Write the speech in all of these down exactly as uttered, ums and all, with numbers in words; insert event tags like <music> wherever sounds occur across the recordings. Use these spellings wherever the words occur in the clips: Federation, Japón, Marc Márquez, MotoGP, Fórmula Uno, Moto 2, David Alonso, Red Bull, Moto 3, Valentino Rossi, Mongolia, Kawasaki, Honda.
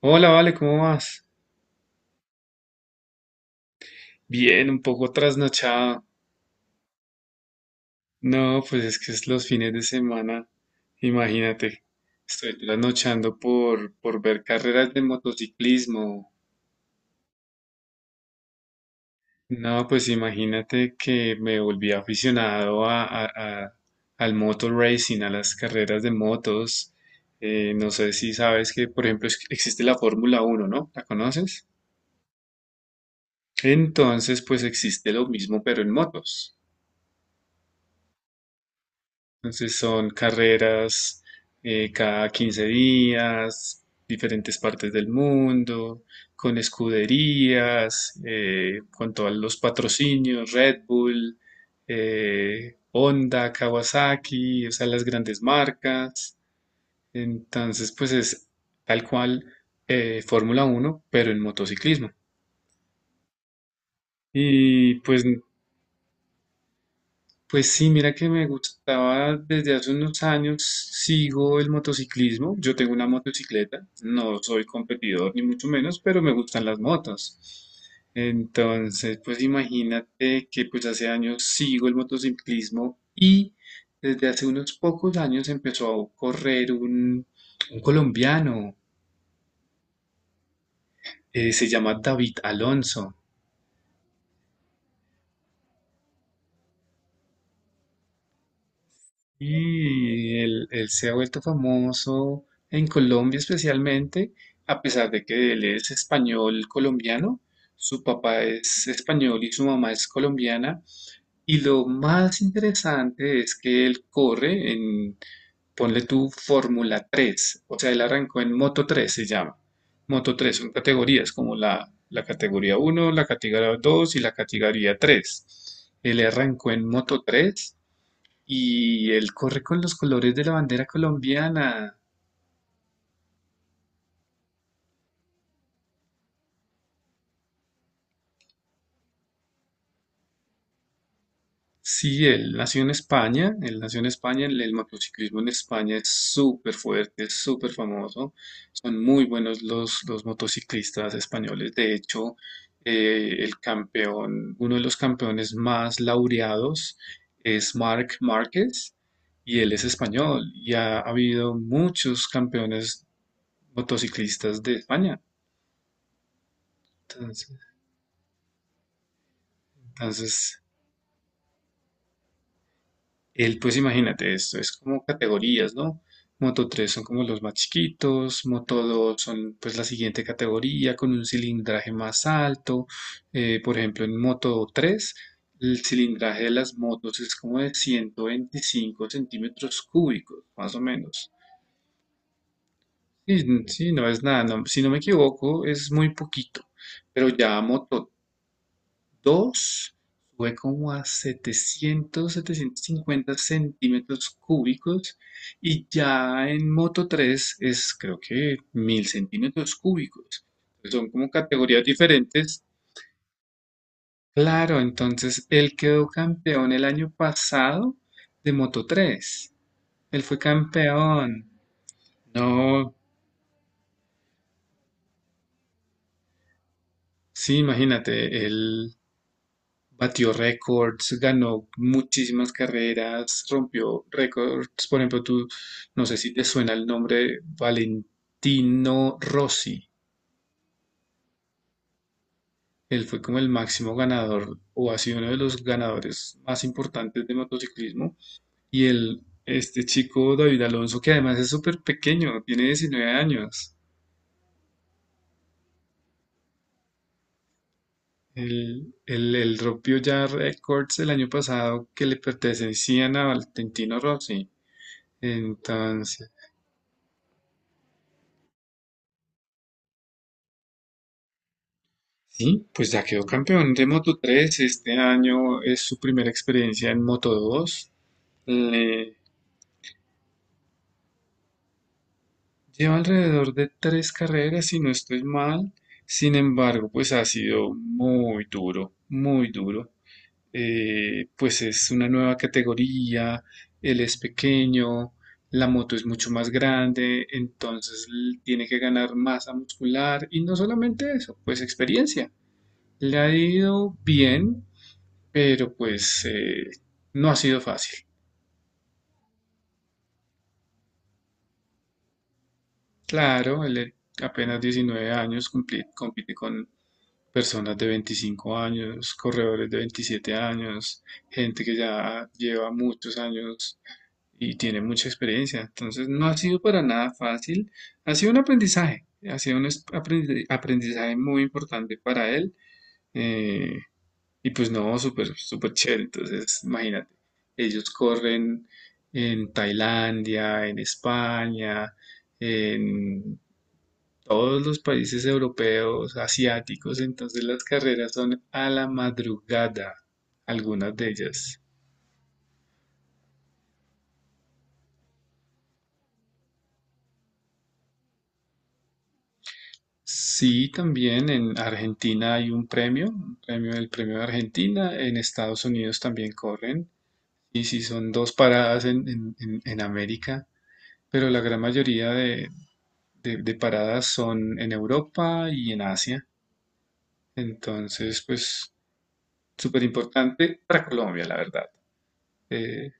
Hola, Vale, ¿cómo vas? Bien, un poco trasnochado. No, pues es que es los fines de semana. Imagínate, estoy trasnochando por, por ver carreras de motociclismo. No, pues imagínate que me volví aficionado a, a- a- al motor racing, a las carreras de motos. Eh, no sé si sabes que, por ejemplo, es- existe la Fórmula Uno, ¿no? ¿La conoces? Entonces, pues existe lo mismo, pero en motos. Entonces son carreras eh, cada quince días, diferentes partes del mundo, con escuderías, eh, con todos los patrocinios, Red Bull, eh, Honda, Kawasaki, o sea, las grandes marcas. Entonces, pues es tal cual eh, Fórmula Uno pero en motociclismo. Y pues Pues sí, mira que me gustaba desde hace unos años, sigo el motociclismo, yo tengo una motocicleta, no soy competidor ni mucho menos, pero me gustan las motos. Entonces, pues imagínate que pues hace años sigo el motociclismo y desde hace unos pocos años empezó a correr un, un colombiano, eh, se llama David Alonso. Y él, él se ha vuelto famoso en Colombia especialmente, a pesar de que él es español colombiano, su papá es español y su mamá es colombiana. Y lo más interesante es que él corre en, ponle tú, Fórmula tres, o sea, él arrancó en Moto tres, se llama. Moto tres son categorías como la, la categoría uno, la categoría dos y la categoría tres. Él arrancó en Moto tres y él corre con los colores de la bandera colombiana. Sí, él nació en España, él nació en España, el, el motociclismo en España es súper fuerte, es súper famoso, son muy buenos los, los motociclistas españoles, de hecho, eh, el campeón, uno de los campeones más laureados es Marc Márquez y él es español y ha habido muchos campeones motociclistas de España, entonces entonces, El, pues imagínate esto, es como categorías, ¿no? Moto tres son como los más chiquitos, Moto dos son pues la siguiente categoría con un cilindraje más alto. Eh, por ejemplo, en Moto tres el cilindraje de las motos es como de ciento veinticinco centímetros cúbicos, más o menos. Sí, sí, no es nada, no- si no me equivoco es muy poquito, pero ya Moto dos sube como a setecientos setecientos cincuenta centímetros cúbicos y ya en Moto tres es creo que mil centímetros cúbicos. Son como categorías diferentes. Claro, entonces él quedó campeón el año pasado de Moto tres. Él fue campeón. No, sí, imagínate, él batió récords, ganó muchísimas carreras, rompió récords. Por ejemplo, tú, no sé si te suena el nombre Valentino Rossi. Él fue como el máximo ganador o ha sido uno de los ganadores más importantes de motociclismo. Y él, este chico David Alonso, que además es súper pequeño, tiene diecinueve años. Él, él- él rompió ya récords el año pasado que le pertenecían a Valentino Rossi. Entonces, sí, pues ya quedó campeón de Moto tres. Este año es su primera experiencia en Moto dos. Le Lleva alrededor de tres carreras, si no estoy mal. Sin embargo, pues ha sido muy duro, muy duro. Eh, pues es una nueva categoría, él es pequeño, la moto es mucho más grande, entonces l- tiene que ganar masa muscular y no solamente eso, pues experiencia. Le ha ido bien, pero pues eh, no ha sido fácil. Claro, él es apenas diecinueve años, cumpli- compite con personas de veinticinco años, corredores de veintisiete años, gente que ya lleva muchos años y tiene mucha experiencia. Entonces no ha sido para nada fácil, ha sido un aprendizaje, ha sido un es- aprendi- aprendizaje muy importante para él. Eh, Y pues no, súper, súper chévere. Entonces, imagínate, ellos corren en Tailandia, en España, en todos los países europeos, asiáticos. Entonces, las carreras son a la madrugada, algunas de ellas. Sí, también en Argentina hay un premio, un premio el premio de Argentina. En Estados Unidos también corren. Y sí, son dos paradas en, en en- en América, pero la gran mayoría de, de, de paradas son en Europa y en Asia. Entonces, pues súper importante para Colombia, la verdad. Eh,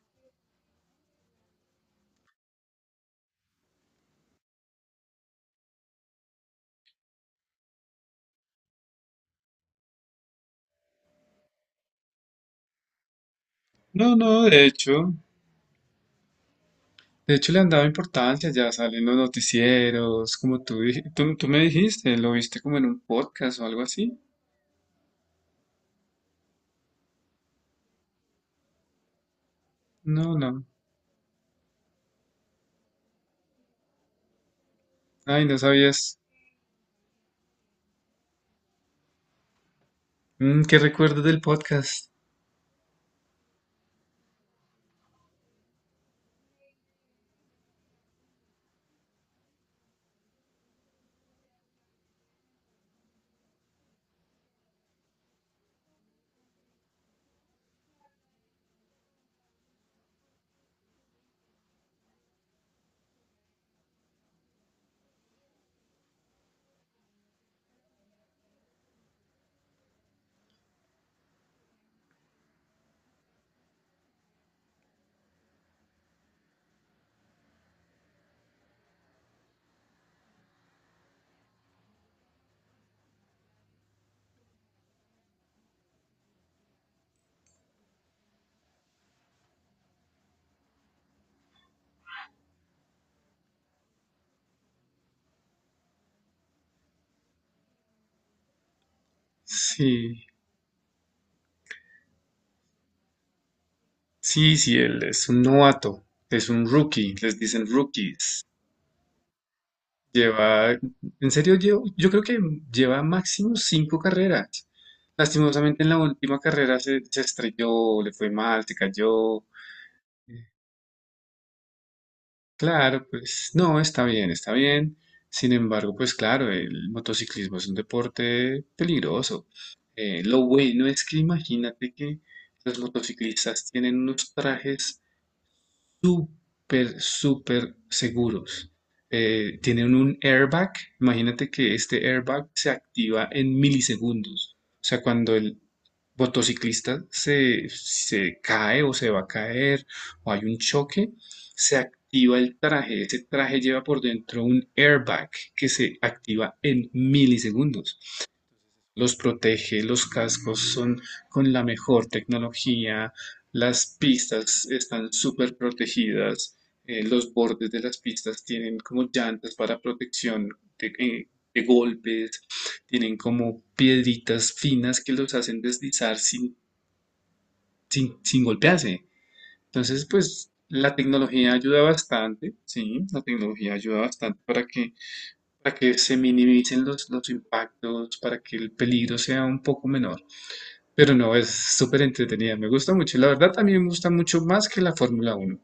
no, no, de hecho, de hecho le han dado importancia, ya salen los noticieros, como tú, dij- tú, tú me dijiste, lo viste como en un podcast o algo así. No, no, ay, no sabías. Mm, ¿qué recuerdas del podcast? Sí, sí, sí, él es un novato, es un rookie, les dicen rookies. Lleva, en serio, yo, yo creo que lleva máximo cinco carreras. Lastimosamente en la última carrera se, se estrelló, le fue mal, se cayó. Claro, pues no, está bien, está bien. Sin embargo, pues claro, el motociclismo es un deporte peligroso. Eh, lo bueno es que imagínate que los motociclistas tienen unos trajes súper, súper seguros. Eh, tienen un airbag. Imagínate que este airbag se activa en milisegundos. O sea, cuando el motociclista se, se cae o se va a caer o hay un choque, se activa el traje. Ese traje lleva por dentro un airbag que se activa en milisegundos. Los protege, los cascos son con la mejor tecnología, las pistas están súper protegidas, eh, los bordes de las pistas tienen como llantas para protección de, eh, de golpes, tienen como piedritas finas que los hacen deslizar sin, sin, sin golpearse. Entonces, pues la tecnología ayuda bastante, sí, la tecnología ayuda bastante para que, para que se minimicen los, los impactos, para que el peligro sea un poco menor. Pero no, es súper entretenida, me gusta mucho. Y la verdad también me gusta mucho más que la Fórmula uno.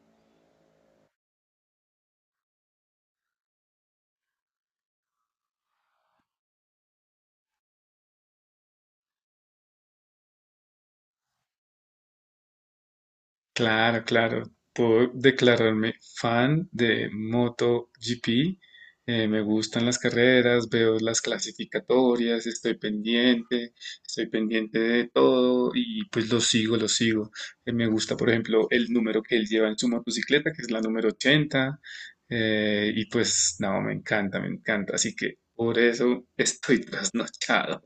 Claro, claro, puedo declararme fan de MotoGP. Eh, me gustan las carreras, veo las clasificatorias, estoy pendiente, estoy pendiente de todo y pues lo sigo, lo sigo. Eh, me gusta, por ejemplo, el número que él lleva en su motocicleta, que es la número ochenta, eh, y pues, no, me encanta, me encanta. Así que por eso estoy trasnochado.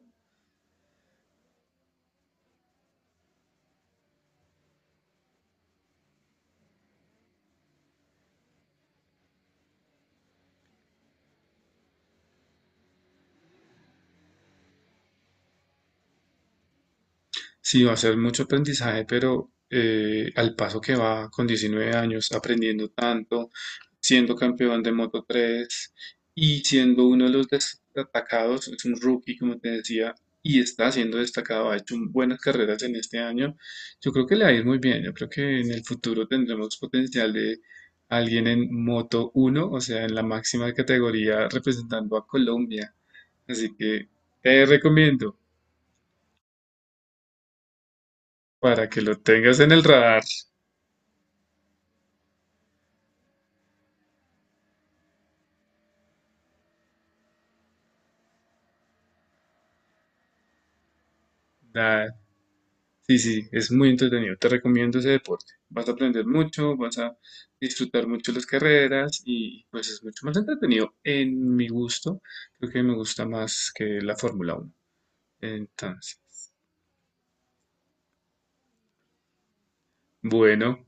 Sí, va a ser mucho aprendizaje, pero eh, al paso que va con diecinueve años, aprendiendo tanto, siendo campeón de Moto tres y siendo uno de los destacados, es un rookie, como te decía, y está siendo destacado, ha hecho un- buenas carreras en este año. Yo creo que le va a ir muy bien, yo creo que en el futuro tendremos potencial de alguien en Moto uno, o sea, en la máxima categoría representando a Colombia. Así que te recomiendo para que lo tengas en el radar. Da- sí, sí, es muy entretenido. Te recomiendo ese deporte. Vas a aprender mucho, vas a disfrutar mucho las carreras y pues es mucho más entretenido en mi gusto. Creo que me gusta más que la Fórmula uno. Entonces, bueno,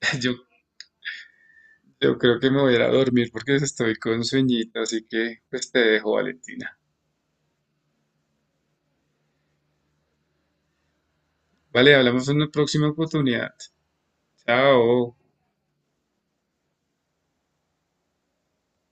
<laughs> yo, yo creo que me voy a ir a dormir porque estoy con sueñito, así que pues te dejo, Valentina. Vale, hablamos en una próxima oportunidad. Chao.